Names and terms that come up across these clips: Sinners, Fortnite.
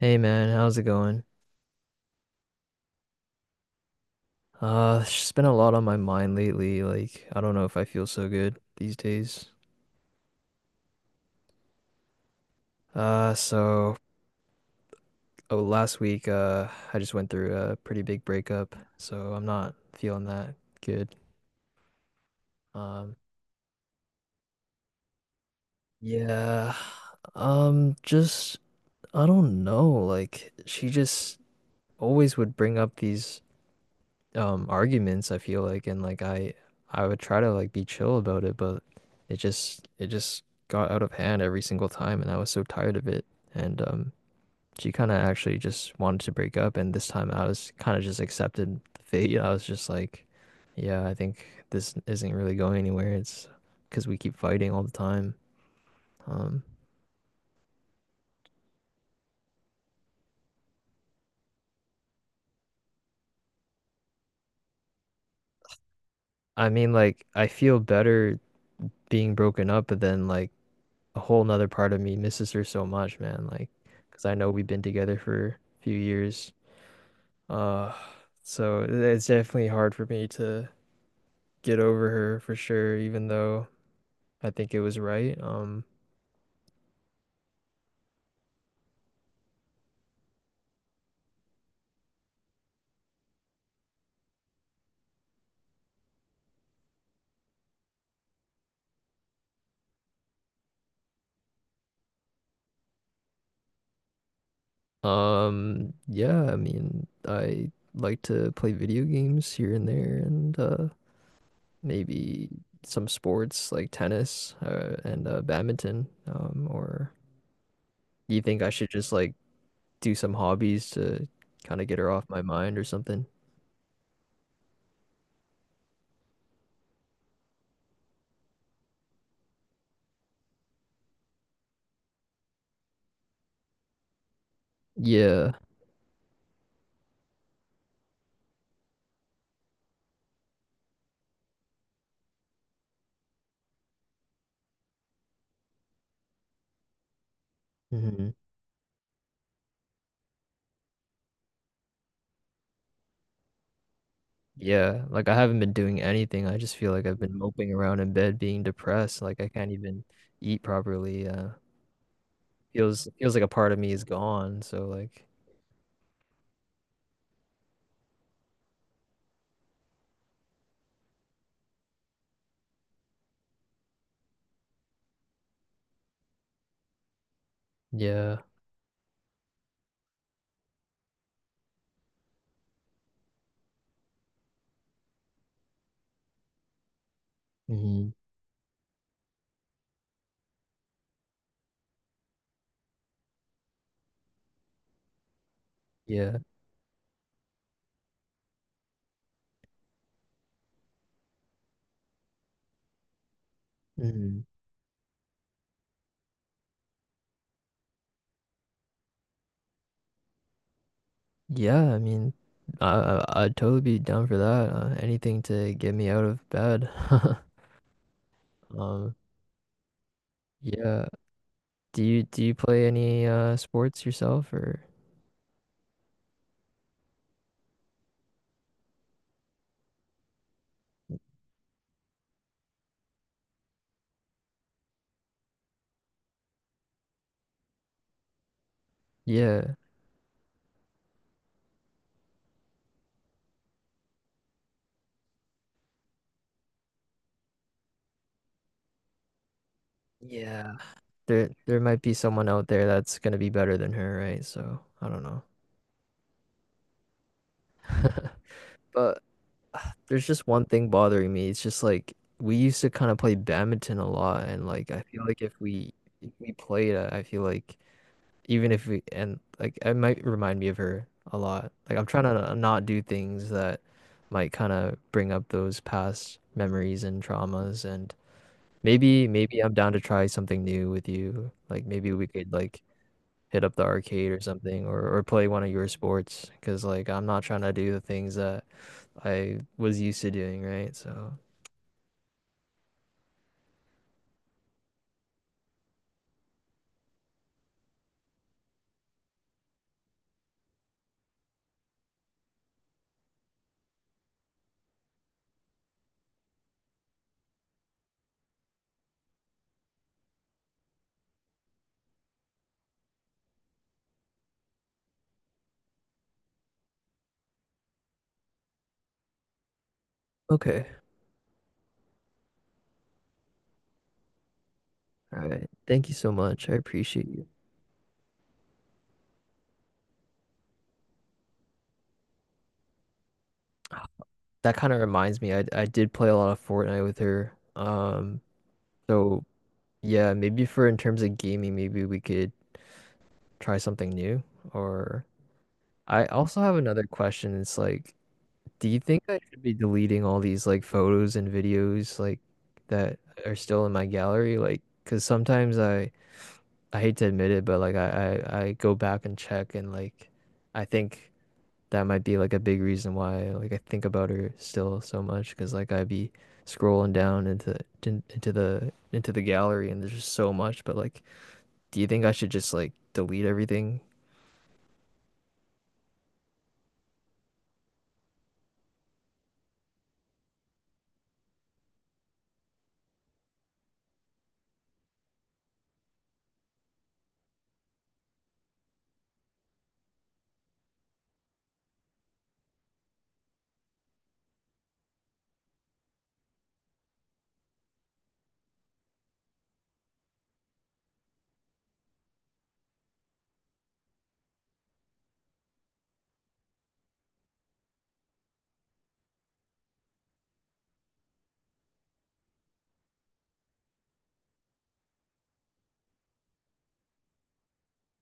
Hey man, how's it going? It's just been a lot on my mind lately. Like, I don't know if I feel so good these days. Uh, so oh, Last week, I just went through a pretty big breakup, so I'm not feeling that good. Um, yeah, just I don't know. Like, she just always would bring up these arguments I feel like, and like I would try to like be chill about it, but it just got out of hand every single time and I was so tired of it, and she kind of actually just wanted to break up, and this time I was kind of just accepted fate. I was just like, yeah, I think this isn't really going anywhere. It's because we keep fighting all the time. um I mean, like I feel better being broken up, but then like a whole nother part of me misses her so much, man. Like, because I know we've been together for a few years. Uh, so it's definitely hard for me to get over her for sure, even though I think it was right. Yeah, I mean, I like to play video games here and there, and maybe some sports like tennis, and badminton. Or do you think I should just like do some hobbies to kind of get her off my mind or something? Yeah. hmm Yeah. Like I haven't been doing anything. I just feel like I've been moping around in bed being depressed. Like I can't even eat properly. Feels like a part of me is gone. So like yeah. hmm Yeah. hmm Yeah, I mean I'd totally be down for that. Anything to get me out of bed. Um yeah. Do you play any sports yourself or yeah. Yeah. There might be someone out there that's gonna be better than her, right? So I don't know. But ah, there's just one thing bothering me. It's just like we used to kind of play badminton a lot, and like I feel like if we played, I feel like even if we, and like it might remind me of her a lot. Like I'm trying to not do things that might kind of bring up those past memories and traumas, and maybe I'm down to try something new with you. Like maybe we could like hit up the arcade or something, or play one of your sports, because like I'm not trying to do the things that I was used to doing, right? So okay. All right. Thank you so much. I appreciate you. That kind of reminds me, I did play a lot of Fortnite with her. So yeah, maybe for in terms of gaming, maybe we could try something new. Or I also have another question. It's like, do you think I should be deleting all these like photos and videos like that are still in my gallery? Like, because sometimes I hate to admit it, but like I go back and check, and like I think that might be like a big reason why like I think about her still so much, because like I'd be scrolling down into the gallery, and there's just so much. But like, do you think I should just like delete everything?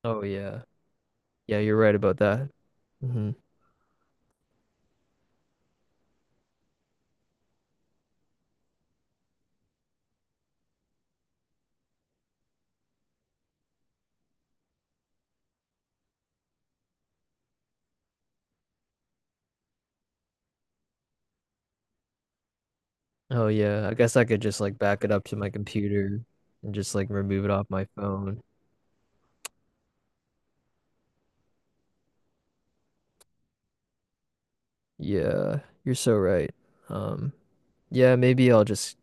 Oh yeah, yeah, you're right about that. hmm Oh yeah, I guess I could just like back it up to my computer and just like remove it off my phone. Yeah, you're so right. Um, yeah, maybe I'll just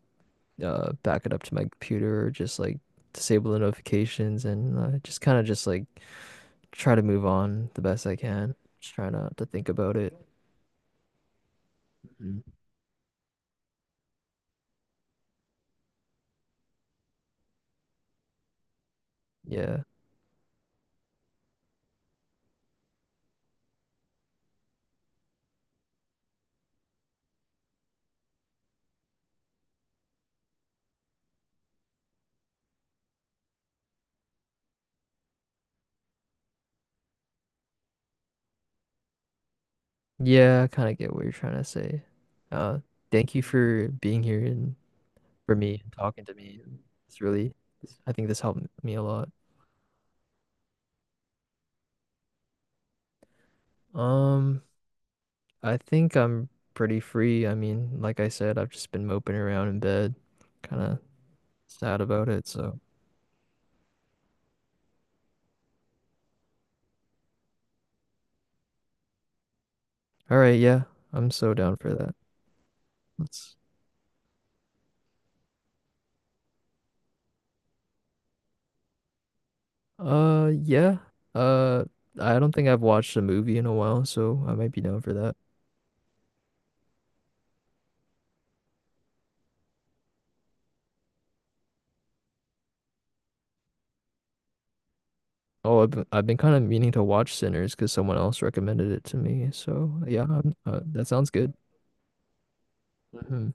back it up to my computer, or just like disable the notifications and, just kind of just like try to move on the best I can. Just try not to think about it. Mm. Yeah. Yeah, I kind of get what you're trying to say. Uh, Thank you for being here and for me and talking to me. It's really, I think this helped me a lot. Um I think I'm pretty free. I mean, like I said, I've just been moping around in bed, kind of sad about it. So, all right, yeah, I'm so down for that. Let's, yeah, uh, I don't think I've watched a movie in a while, so I might be down for that. Oh, I've been kind of meaning to watch Sinners because someone else recommended it to me. So, yeah, I'm, that sounds good. Mhm.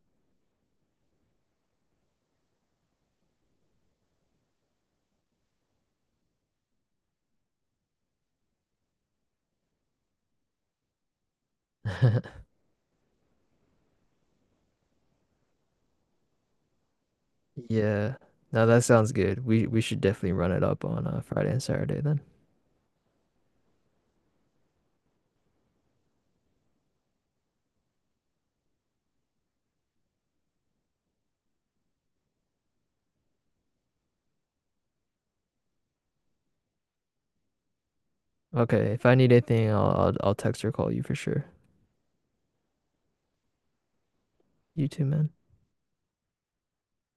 Yeah, no, that sounds good. We should definitely run it up on Friday and Saturday then. Okay, if I need anything, I'll text or call you for sure. You too, man.